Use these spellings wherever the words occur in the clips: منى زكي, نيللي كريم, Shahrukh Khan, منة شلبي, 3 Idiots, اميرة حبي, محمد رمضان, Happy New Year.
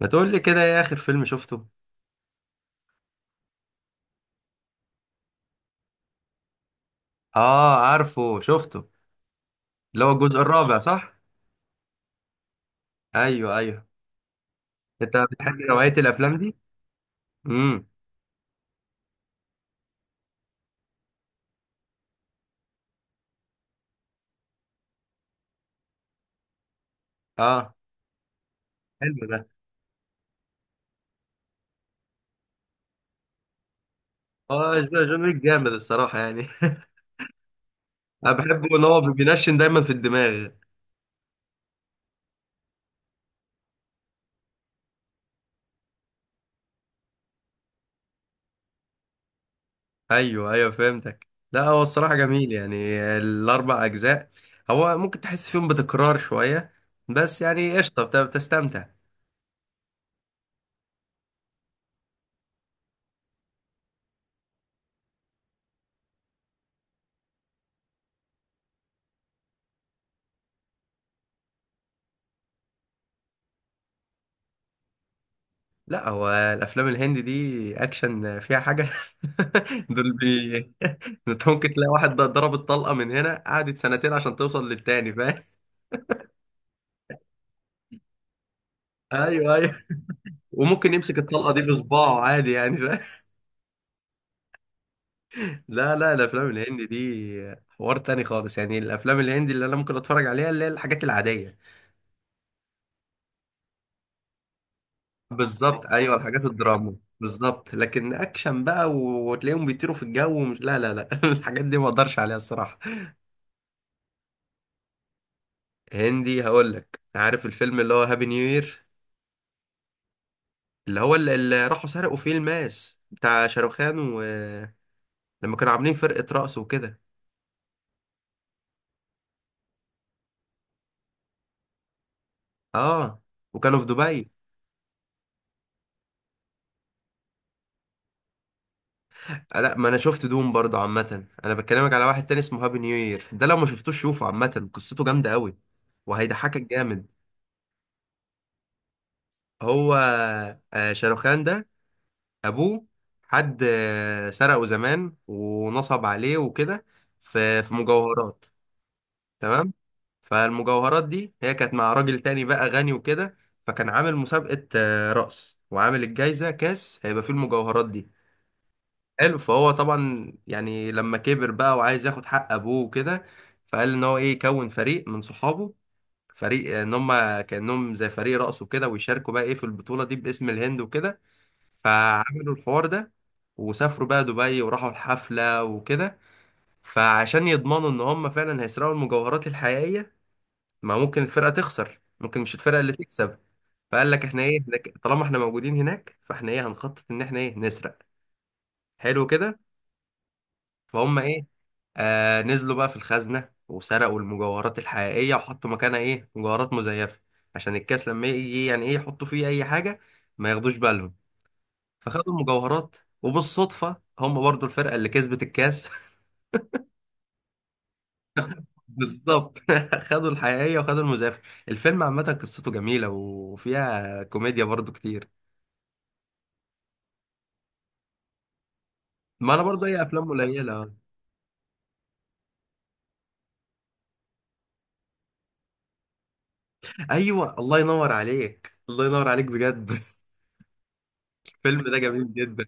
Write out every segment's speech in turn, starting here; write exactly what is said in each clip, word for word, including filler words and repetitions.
ما تقول لي كده، ايه اخر فيلم شفته؟ اه، عارفه شفته. اللي هو الجزء الرابع، صح؟ ايوه، ايوه. انت بتحب نوعية الافلام دي؟ امم. اه. حلو ده. اه، جون جون ويك جامد، الصراحة يعني. انا بحبه ان هو بينشن دايما في الدماغ. ايوه، ايوه، فهمتك. لا هو الصراحة جميل، يعني الاربع اجزاء. هو ممكن تحس فيهم بتكرار شوية، بس يعني قشطة بت- بتستمتع. لا، هو الافلام الهندي دي اكشن فيها حاجه. دول بي. انت ممكن تلاقي واحد ض- ضرب الطلقه من هنا قعدت سنتين عشان توصل للتاني، فاهم؟ ايوه، ايوه، وممكن يمسك الطلقه دي بصباعه عادي يعني، فاهم؟ لا، لا، الافلام الهندي دي حوار تاني خالص. يعني الافلام الهندي اللي انا ممكن اتفرج عليها اللي هي الحاجات العاديه. بالظبط، ايوه، الحاجات الدراما بالظبط، لكن اكشن بقى و- وتلاقيهم بيطيروا في الجو ومش، لا، لا، لا، الحاجات دي ما اقدرش عليها الصراحه. هندي؟ هقول لك، عارف الفيلم اللي هو هابي نيو يير؟ اللي هو اللي اللي راحوا سرقوا فيه الماس بتاع شاروخان، ولما كانوا عاملين فرقة رقص وكده. اه، وكانوا في دبي. آه، لا، ما انا شفت دوم برضه. عامة انا بكلمك على واحد تاني اسمه هابي نيو يير، ده لو ما شفتوش شوفه، عامة قصته جامدة قوي وهيضحكك جامد. هو، آه، شاروخان ده، ابوه حد آه، سرقه زمان ونصب عليه وكده، في في مجوهرات. تمام. فالمجوهرات دي هي كانت مع راجل تاني بقى غني وكده، فكان عامل مسابقة آه، رقص وعامل الجايزة كاس هيبقى فيه المجوهرات دي. حلو. فهو طبعا يعني لما كبر بقى وعايز ياخد حق ابوه وكده، فقال ان هو ايه يكون فريق من صحابه. فريق آه، ان هم كانهم زي فريق رقص وكده، ويشاركوا بقى ايه في البطولة دي باسم الهند وكده. فعملوا الحوار ده، وسافروا بقى دبي وراحوا الحفلة وكده. فعشان يضمنوا ان هم فعلا هيسرقوا المجوهرات الحقيقية، ما ممكن الفرقة تخسر، ممكن مش الفرقة اللي تكسب. فقال لك احنا ايه، احنا ك- طالما احنا موجودين هناك فاحنا ايه هنخطط ان احنا ايه نسرق. حلو كده. فهم ايه، آه، نزلوا بقى في الخزنة وسرقوا المجوهرات الحقيقية وحطوا مكانها ايه مجوهرات مزيفة، عشان الكاس لما يجي يعني ايه يحطوا فيه اي حاجة، ما ياخدوش بالهم. فخدوا المجوهرات، وبالصدفة هم برضو الفرقة اللي كسبت الكاس. بالظبط، خدوا الحقيقية وخدوا المزيفة. الفيلم عامة قصته جميلة وفيها كوميديا برضو كتير. ما انا برضه اي افلام قليله. ايوه، الله ينور عليك، الله ينور عليك بجد. الفيلم ده جميل جدا.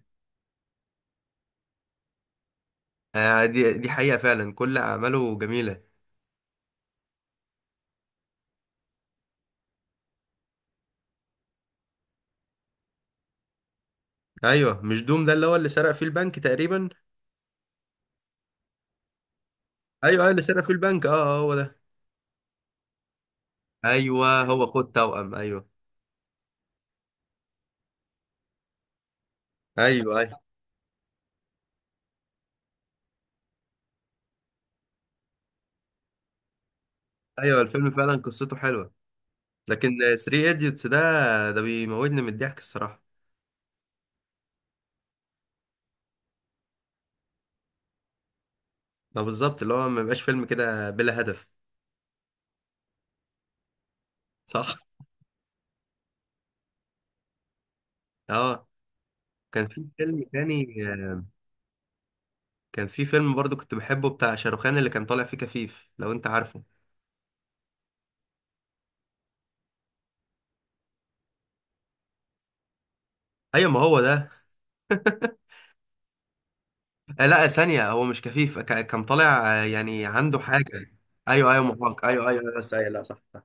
آه، دي دي حقيقه فعلا كل اعماله جميله. ايوه، مش دوم ده اللي هو اللي سرق فيه البنك تقريبا؟ ايوه، ايوه، اللي سرق فيه البنك، اه، آه، هو ده. ايوه، هو خد توأم، ايوه. ايوه، ايوه. ايوه، الفيلم فعلا قصته حلوه، لكن ثري ايديوتس ده، ده بيموتني من الضحك الصراحه. ده بالظبط اللي هو ما بيبقاش فيلم كده بلا هدف. صح. اه، كان في فيلم تاني. آه، كان في فيلم برضو كنت بحبه بتاع شاروخان، اللي كان طالع فيه كفيف، لو انت عارفه. ايوه، ما هو ده. آه، لا، ثانية، هو مش كفيف ك- كان طالع، آه، يعني عنده حاجة. ايوه، ايوه، محاك، ايوه، ايوه، ايوه، بس ايوه، لا، صح، صح.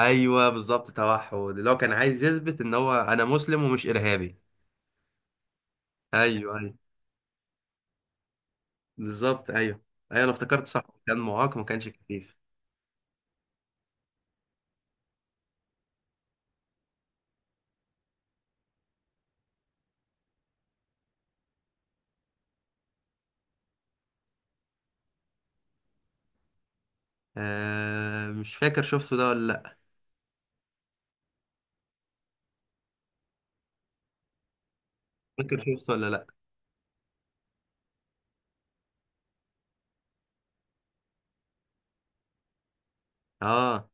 ايوه، بالظبط، توحد، اللي هو كان عايز يثبت ان هو انا مسلم ومش ارهابي. ايوه، ايوه. بالظبط، ايوه، ايوه، انا افتكرت، صح، كان معاق ما كانش كفيف. آه، مش فاكر شفته ده ولا لا. فاكر شفته ولا لا؟ اه،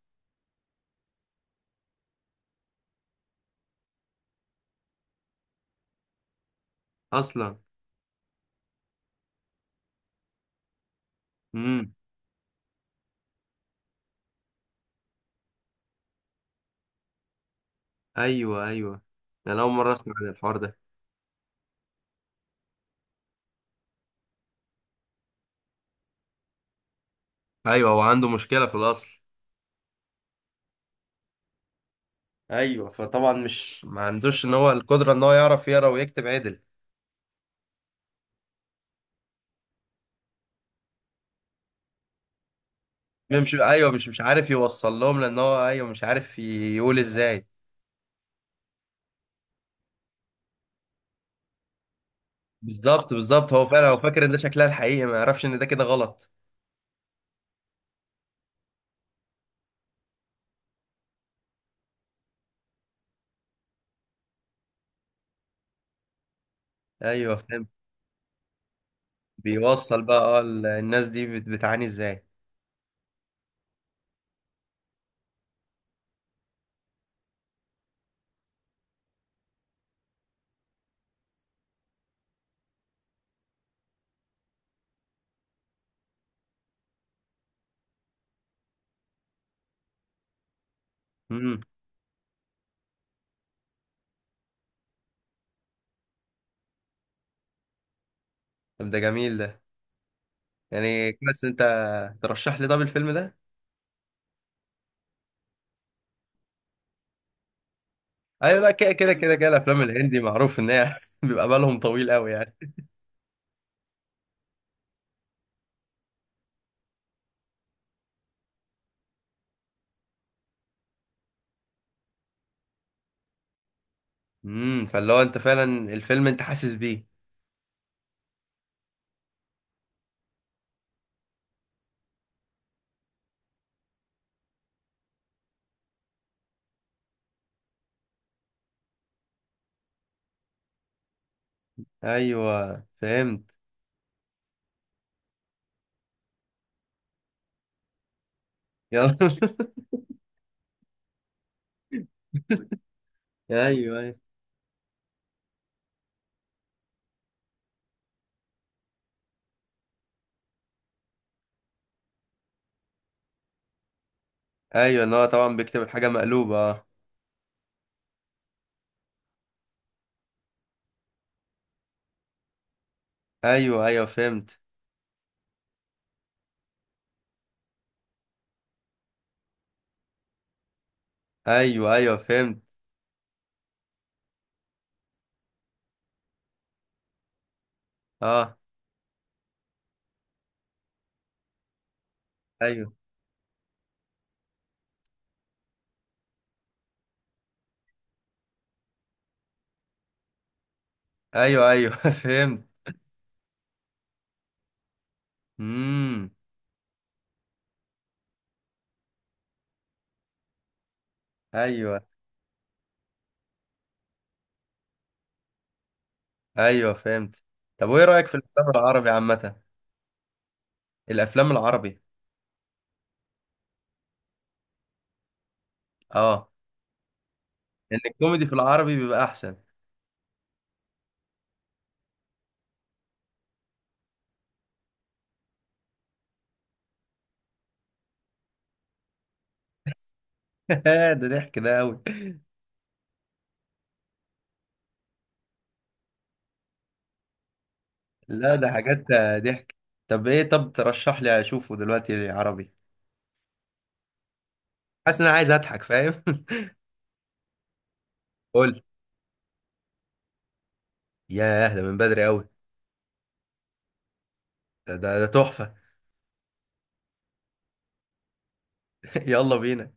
اصلا. امم. ايوه، ايوه، انا اول مره اسمع عن الحوار ده. ايوه، هو عنده مشكله في الاصل. ايوه، فطبعا مش ما عندوش ان هو القدره ان هو يعرف يقرا ويكتب عدل. مش، ايوه، مش مش عارف يوصل لهم لان هو ايوه مش عارف يقول ازاي. بالظبط، بالظبط، هو فعلا هو فاكر ان ده شكلها الحقيقي، ما يعرفش ان ده كده غلط. ايوه، فاهم. بيوصل بقى، اه، ال- الناس دي بت- بتعاني ازاي. امم. طب ده جميل ده، يعني بس انت ترشح لي طب الفيلم ده. ايوه، لا، كده كده كده كده الافلام الهندي معروف ان هي بيبقى بالهم طويل قوي يعني. امم، فاللي هو انت فعلا الفيلم انت حاسس بيه. ايوه، فهمت. يلا. ايوه، ايوه، ايوه، ان هو طبعا بيكتب الحاجه مقلوبه، اه. ايوه، ايوه، فهمت. ايوه، ايوه، فهمت. اه، ايوه، ايوه، ايوه، فهمت. امم، ايوه، ايوه، فهمت. طب وايه رايك في الافلام العربي عامه؟ الافلام العربي؟ اه، ان الكوميدي في العربي بيبقى احسن. ده ضحك، ده قوي. لا ده حاجات. ضحك. طب ايه، طب ترشح لي اشوفه دلوقتي عربي، حاسس ان انا عايز اضحك، فاهم؟ قول. ياه، ده من بدري قوي. ده ده, ده تحفه. يلا بينا.